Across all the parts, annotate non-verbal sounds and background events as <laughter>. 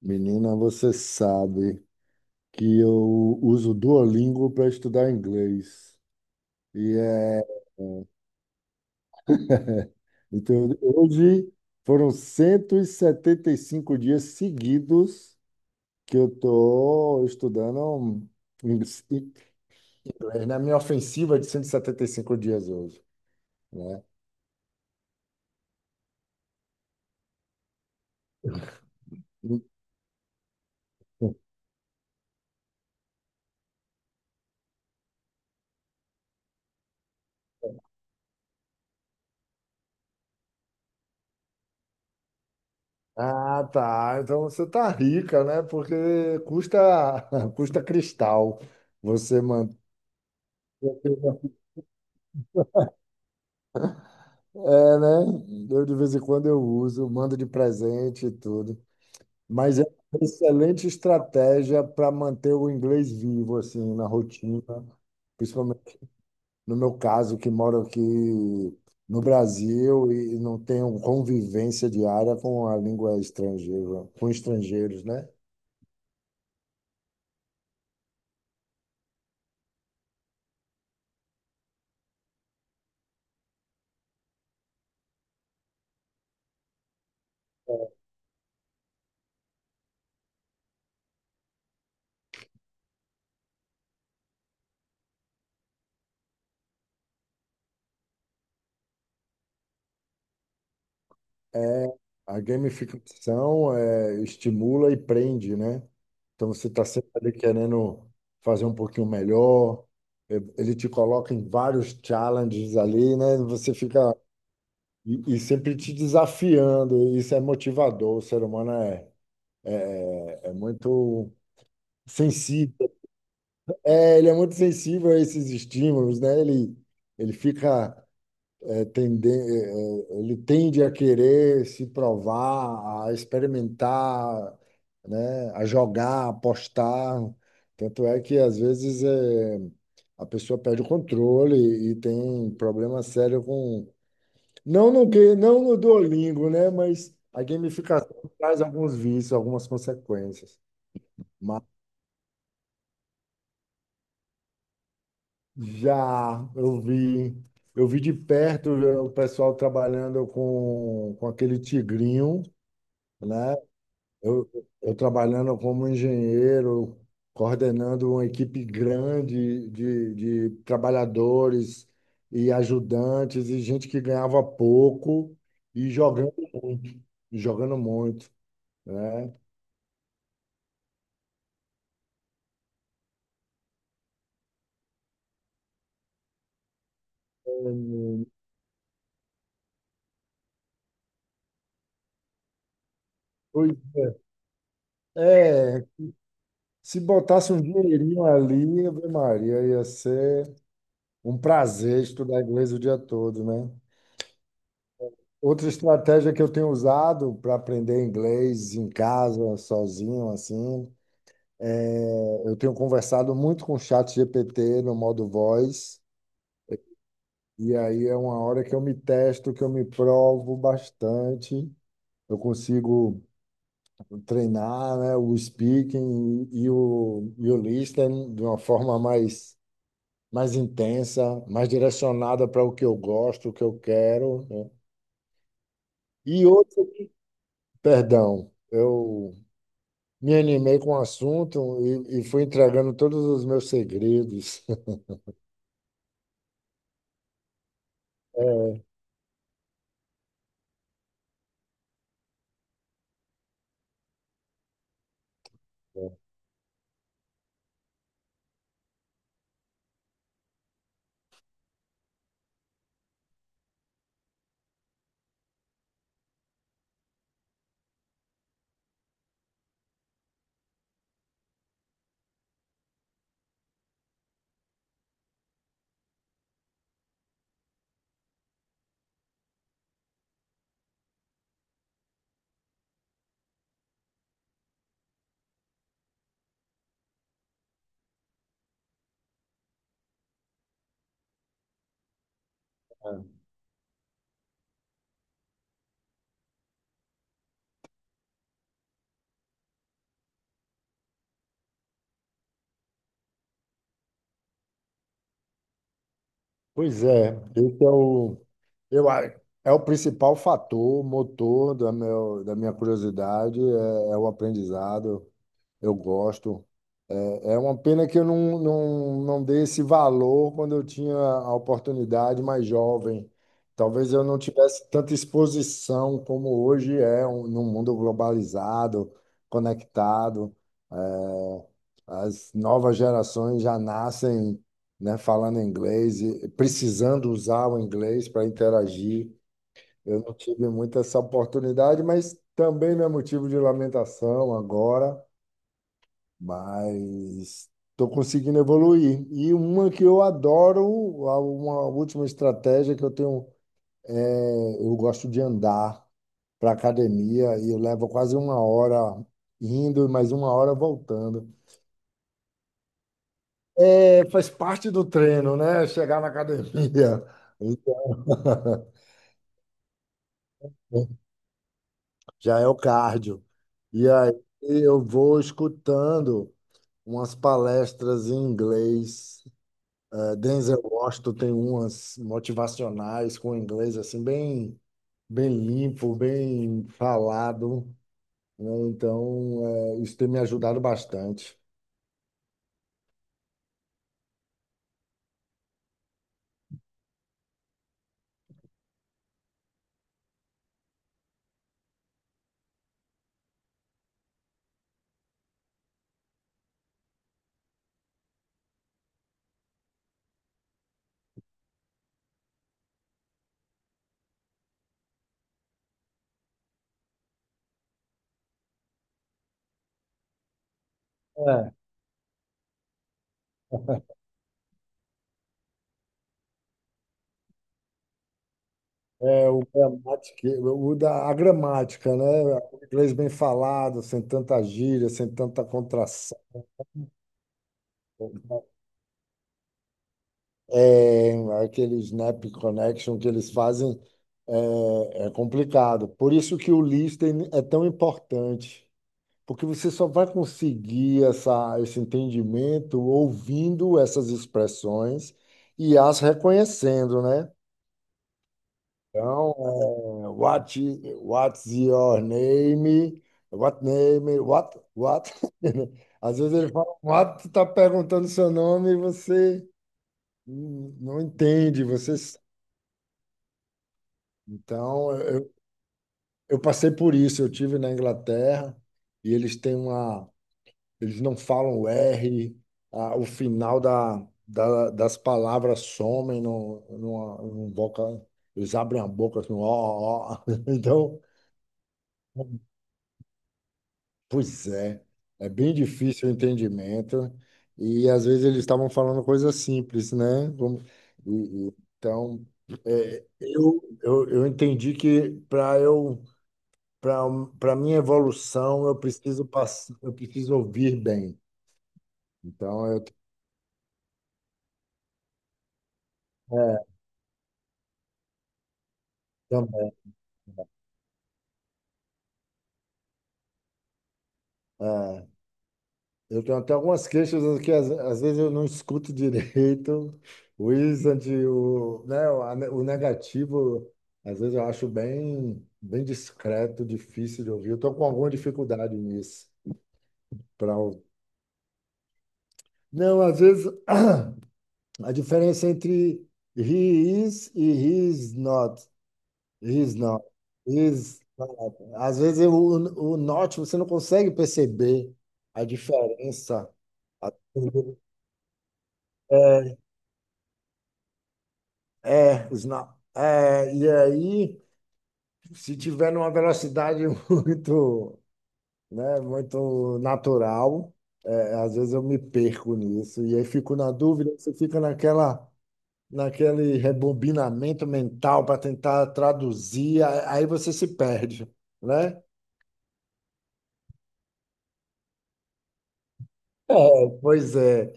Menina, você sabe que eu uso o Duolingo para estudar inglês. E então, hoje foram cento e setenta e cinco dias seguidos que eu estou estudando inglês, na minha ofensiva é de cento e setenta e cinco dias hoje, né? Ah, tá. Então você tá rica, né? Porque custa <laughs> custa cristal você manter. É, né? Eu de vez em quando eu uso, mando de presente e tudo. Mas é uma excelente estratégia para manter o inglês vivo, assim, na rotina, principalmente no meu caso, que moro aqui no Brasil e não tenho convivência diária com a língua estrangeira, com estrangeiros, né? é A gamificação estimula e prende, né? Então você está sempre ali querendo fazer um pouquinho melhor. Ele te coloca em vários challenges ali, né? Você fica e sempre te desafiando. Isso é motivador. O ser humano é muito sensível. É, ele é muito sensível a esses estímulos, né? Ele fica é, tende- é, ele tende a querer se provar, a experimentar, né, a jogar, a apostar. Tanto é que, às vezes, a pessoa perde o controle e tem problema sério com. Não no que, não no Duolingo, né? Mas a gamificação traz alguns vícios, algumas consequências. Mas já eu vi de perto o pessoal trabalhando com aquele tigrinho, né? Eu, eu trabalhando como engenheiro, coordenando uma equipe grande de trabalhadores e ajudantes e gente que ganhava pouco e muito, jogando muito, né? Pois é, se botasse um dinheirinho ali, Ave Maria, ia ser um prazer estudar inglês o dia todo, né? Outra estratégia que eu tenho usado para aprender inglês em casa, sozinho, assim, é eu tenho conversado muito com o chat GPT no modo voz, e aí é uma hora que eu me testo, que eu me provo bastante. Eu consigo treinar, né, o speaking e o listening de uma forma mais intensa, mais direcionada para o que eu gosto, o que eu quero, né? E outro, perdão, eu me animei com o assunto e fui entregando todos os meus segredos. <laughs> É, é. Pois é, esse é o, eu, a- é o principal fator, motor da, meu, da minha curiosidade, é o aprendizado. Eu gosto. É uma pena que eu não, não, não dei esse valor quando eu tinha a oportunidade mais jovem. Talvez eu não tivesse tanta exposição como hoje num mundo globalizado, conectado. É, as novas gerações já nascem, né, falando inglês, e precisando usar o inglês para interagir. Eu não tive muito essa oportunidade, mas também não é motivo de lamentação agora, mas estou conseguindo evoluir. E uma que eu adoro, a- uma última estratégia que eu tenho, é, eu gosto de andar para academia e eu levo quase uma hora indo e mais uma hora voltando. É, faz parte do treino, né? Chegar na academia. <laughs> Já é o cardio. E aí eu vou escutando umas palestras em inglês. Denzel Washington tem umas motivacionais com inglês assim bem limpo, bem falado, né? Então, isso tem me ajudado bastante. É, é o gramática, o da a gramática, né? O inglês bem falado, sem tanta gíria, sem tanta contração. É, aquele snap connection que eles fazem é complicado. Por isso que o listening é tão importante. Porque você só vai conseguir essa, esse entendimento ouvindo essas expressões e as reconhecendo, né? Então, what, i- what's your name? What name? What? What? <laughs> Às vezes ele fala, what, está perguntando seu nome e você não entende, você... s- Então, eu passei por isso. Eu tive na Inglaterra e eles têm uma. Eles não falam o R, a- o final da, da- das palavras somem no, numa, num boca, eles abrem a boca assim, ó, ó. Ó. <laughs> Então, pois é, é bem difícil o entendimento e às vezes eles estavam falando coisas simples, né? Como- e- então, eu entendi que para eu para para minha evolução eu preciso passar, eu preciso ouvir bem. Então, eu, é, também. É. Eu tenho até algumas queixas que às vezes eu não escuto direito. O Wizard, o, né, o a ne- o negativo, às vezes eu acho bem, bem discreto, difícil de ouvir. Eu estou com alguma dificuldade nisso. Pra... ou- Não, às vezes <clears throat> a diferença entre he is e he is not. He is not. He is not. Às vezes eu- o not você não consegue perceber a diferença. É, é, os na- e aí, se tiver numa velocidade <laughs> muito, né, muito natural, às vezes eu me perco nisso. E aí fico na dúvida, você fica naquela, naquele rebobinamento mental para tentar traduzir, a- aí você se perde, né? É, pois é.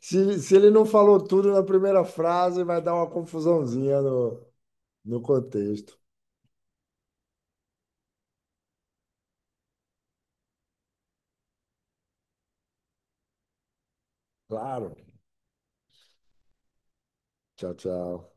Se ele não falou tudo na primeira frase, vai dar uma confusãozinha no, no contexto. Claro. Tchau, tchau.